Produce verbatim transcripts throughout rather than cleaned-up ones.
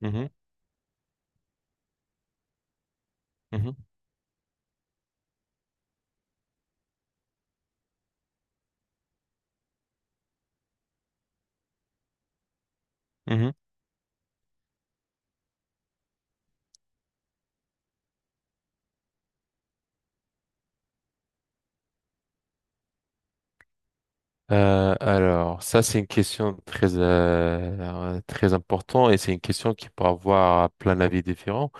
Mhm, mhm, mhm. Euh, alors, ça, c'est une question très, euh, très importante et c'est une question qui peut avoir plein d'avis différents.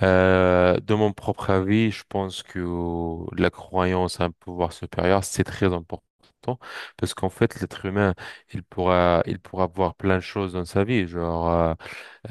Euh, de mon propre avis, je pense que la croyance à un pouvoir supérieur, c'est très important parce qu'en fait, l'être humain, il pourra, il pourra voir plein de choses dans sa vie. Genre, euh,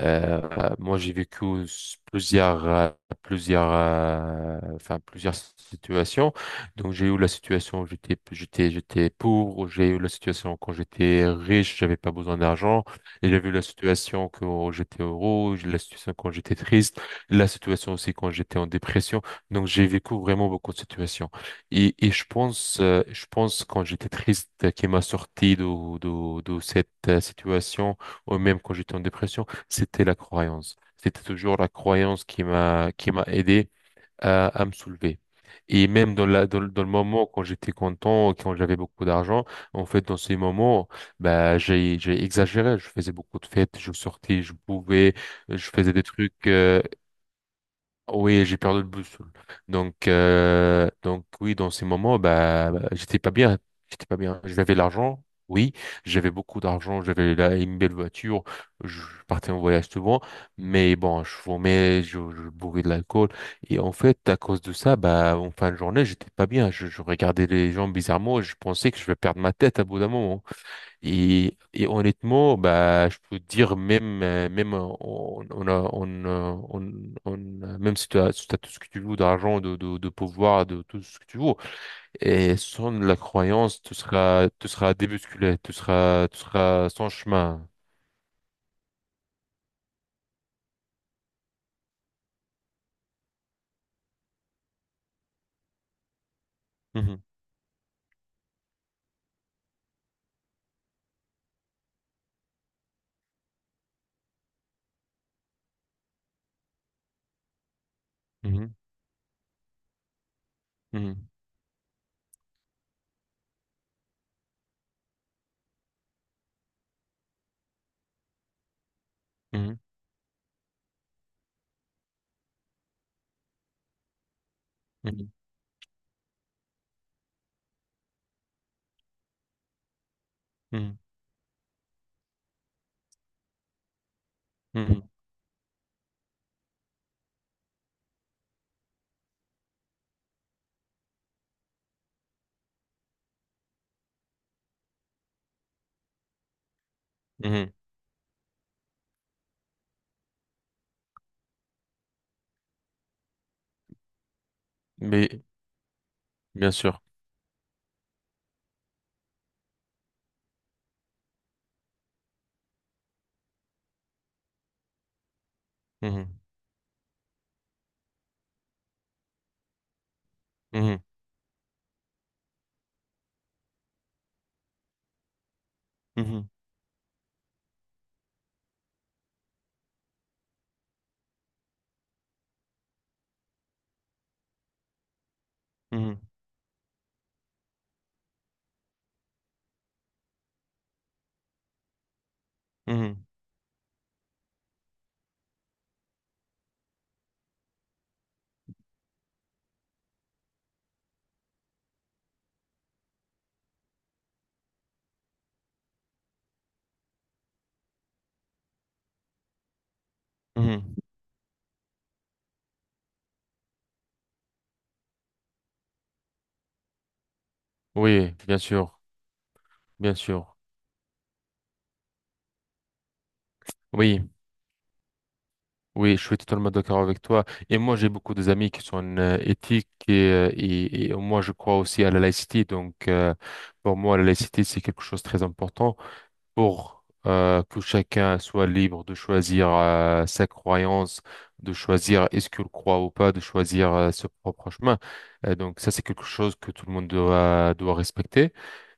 Euh, moi, j'ai vécu s- plusieurs, euh, plusieurs, euh, enfin, plusieurs situations. Donc, j'ai eu la situation où j'étais, j'étais, j'étais pauvre. J'ai eu la situation quand j'étais riche, j'avais pas besoin d'argent. Et j'ai vu la situation quand j'étais heureux, j'ai la situation quand j'étais triste, la situation aussi quand j'étais en dépression. Donc, j'ai vécu vraiment beaucoup de situations. Et, et je pense, euh, je pense quand j'étais triste, euh, qui m'a sorti de, de, de cette euh, situation, ou même quand j'étais en dépression, c'était la croyance. C'était toujours la croyance qui m'a qui m'a aidé à, à me soulever. Et même dans la dans, le dans le moment quand j'étais content, quand j'avais beaucoup d'argent, en fait dans ces moments, bah j'ai j'ai exagéré. Je faisais beaucoup de fêtes, je sortais, je pouvais, je faisais des trucs, euh, oui, j'ai perdu le boussole. Donc, euh, donc oui, dans ces moments, bah, bah, j'étais pas bien. J'étais pas bien. J'avais l'argent, oui. J'avais beaucoup d'argent. J'avais là une belle voiture. Je partais en voyage souvent. Mais bon, je fumais, je, je bourrais de l'alcool. Et en fait, à cause de ça, bah, en fin de journée, j'étais pas bien. Je, je regardais les gens bizarrement. et je pensais que je vais perdre ma tête à bout d'un moment. Et, et honnêtement, bah, je peux dire même, euh, même euh, on, on a, on, euh, on, on a- même si tu as, si t'as tout ce que tu veux d'argent, de, de, de pouvoir, de tout ce que tu veux, et sans la croyance, tu seras, tu seras débusculé, tu seras, tu seras sans chemin. Mhm, mhm, mhm, mhm, mhm, mhm, mhm, mhm. Mais, bien sûr. Mhm, mhm, mhm, mhm, mhm, mhm. Oui, bien sûr, bien sûr. Oui. Oui, je suis totalement d'accord avec toi. Et moi, j'ai beaucoup des amis qui sont euh, éthiques et, euh, et, et moi, je crois aussi à la laïcité. Donc, euh, pour moi, la laïcité, c'est quelque chose de très important pour euh, que chacun soit libre de choisir euh, sa croyance, de choisir est-ce qu'il croit ou pas, de choisir euh, son propre chemin. Euh, donc, ça, c'est quelque chose que tout le monde doit, doit respecter.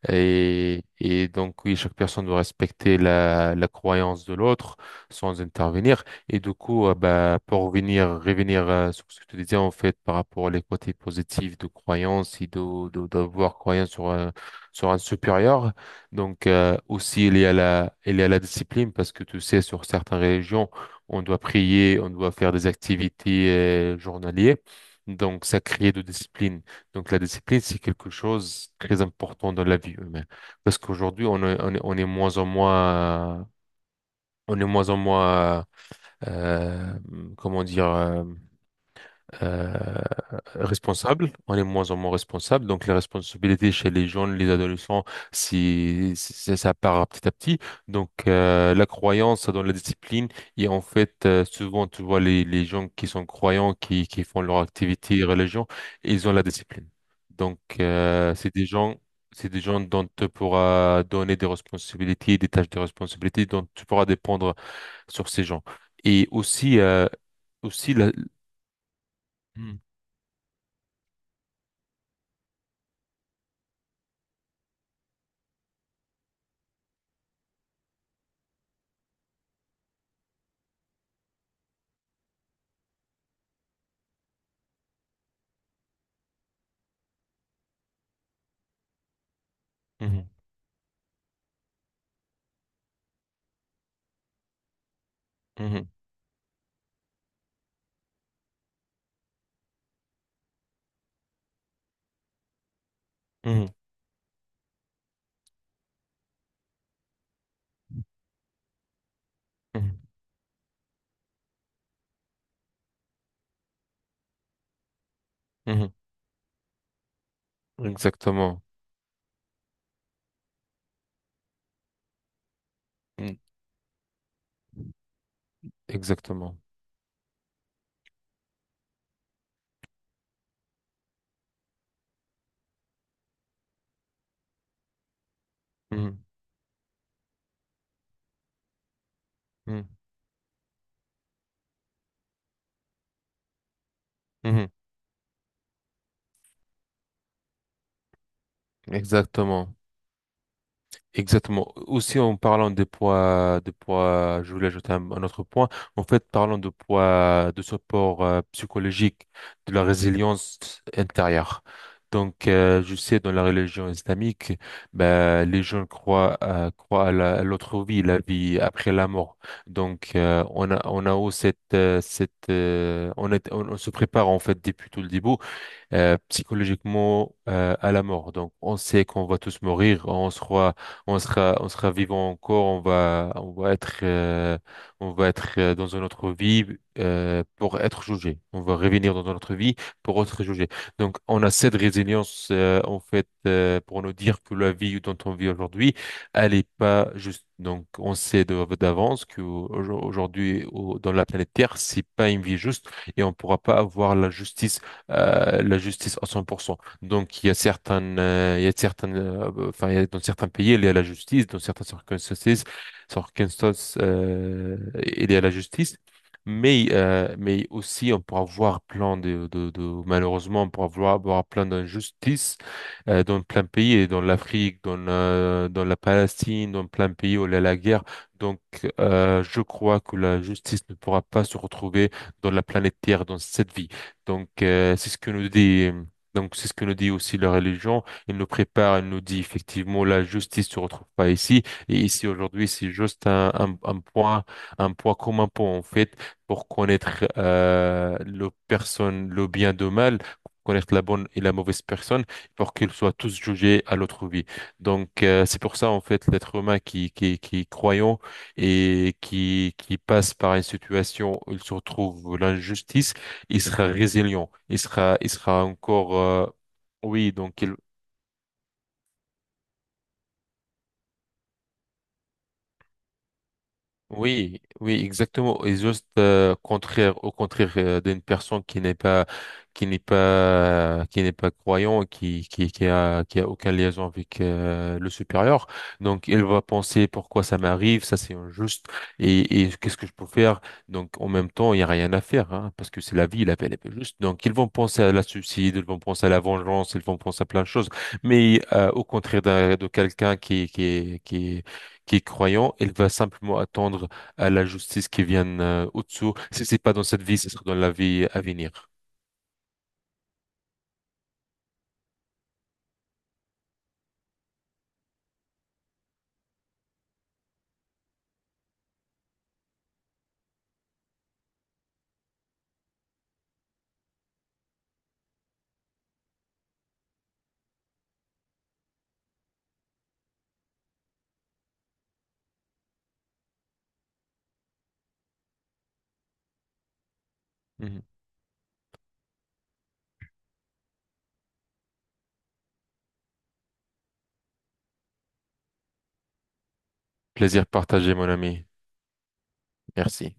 Et, et donc, oui, chaque personne doit respecter la, la croyance de l'autre sans intervenir. Et du coup, euh, bah, pour revenir, revenir euh, sur ce que tu disais, en fait, par rapport aux côtés positifs de croyance et de, de, d'avoir croyance sur un, sur un supérieur. Donc, euh, aussi, il y a la, il y a la discipline parce que tu sais, sur certaines religions, on doit prier, on doit faire des activités euh, journalières. Donc, ça crée de discipline. Donc la discipline, c'est quelque chose de très important dans la vie humaine. Parce qu'aujourd'hui, on est, on est, on est moins en moins, on est moins en moins, euh, comment dire, euh, euh, responsable, on est de moins en moins responsable. Donc les responsabilités chez les jeunes, les adolescents, si, si- si- ça part petit à petit. Donc euh, la croyance dans la discipline et en fait, euh, souvent tu vois les, les gens qui sont croyants, qui, qui font leur activité religion, ils ont la discipline. Donc euh, c'est des gens C'est des gens dont tu pourras donner des responsabilités, des tâches de responsabilité, dont tu pourras dépendre sur ces gens. Et aussi, euh, aussi la... Mhm. Mhm. Mhm, mhm, mhm, mhm. Exactement. Mm. Exactement. Mhm, mhm, mhm. Exactement. Exactement. Aussi, en parlant des poids, de poids, je voulais ajouter un, un autre point. En fait, parlant de poids, de support euh, psychologique, de la résilience intérieure. Donc, euh, je sais, dans la religion islamique, ben, les gens croient, euh, croient à la- à l'autre vie, la vie après la mort. Donc, euh, on a, on a aussi cette, euh, cette, euh, on est, on, on se prépare, en fait, depuis tout le début, euh, psychologiquement, euh, à la mort. Donc, on sait qu'on va tous mourir, on sera, on sera, on sera vivant encore, on va, on va être, euh, on va être, euh, dans une autre vie, euh, pour être jugé. On va revenir dans une autre vie pour être jugé. Donc, on a cette résilience, euh, en fait euh, pour nous dire que la vie dont on vit aujourd'hui, elle est pas juste. Donc, on sait de- d'avance que au- aujourd'hui, au- dans la planète Terre, c'est pas une vie juste et on pourra pas avoir la justice, euh, la justice à cent pour cent. Donc, il y a certaines, euh, il y a certaines, euh, enfin, il y a, dans certains pays, il y a la justice, dans certaines circonstances, circonstances, euh, il y a la justice. Mais, euh, mais aussi, on pourra voir plein de, de, de- malheureusement, on pourra voir, voir plein d'injustices, euh, dans plein de pays, et dans l'Afrique, dans, la- dans la Palestine, dans plein de pays où il y a la guerre. Donc, euh, je crois que la justice ne pourra pas se retrouver dans la planète Terre dans cette vie. Donc, euh, c'est ce que nous dit, donc c'est ce que nous dit aussi la religion. Elle nous prépare, elle nous dit effectivement la justice se retrouve pas ici. Et ici aujourd'hui, c'est juste un, un, un point, un point comme un point en fait pour connaître, euh, le personne, le bien de mal, pour connaître la bonne et la mauvaise personne, pour qu'ils soient tous jugés à l'autre vie. Donc, euh, c'est pour ça en fait l'être humain qui qui qui est croyant et qui qui passe par une situation où il se retrouve l'injustice, il sera résilient, il sera, il sera encore, euh, oui, donc il, oui, oui, exactement. Et juste, euh, contraire, au contraire, euh, d'une personne qui n'est pas, qui n'est pas, qui n'est pas croyant, qui, qui, qui a, qui a aucun liaison avec, euh, le supérieur. Donc, elle va penser pourquoi ça m'arrive, ça c'est injuste, et, et qu'est-ce que je peux faire? Donc, en même temps, il y a rien à faire, hein, parce que c'est la vie, la vie, elle est pas juste. Donc, ils vont penser à la suicide, ils vont penser à la vengeance, ils vont penser à plein de choses. Mais, euh, au contraire d'un, de quelqu'un qui, qui, qui qui est croyant, elle va simplement attendre à la justice qui vienne, euh, au-dessous. Si c'est pas dans cette vie, ce sera dans la vie à venir. Mhm. Plaisir partagé, mon ami. Merci.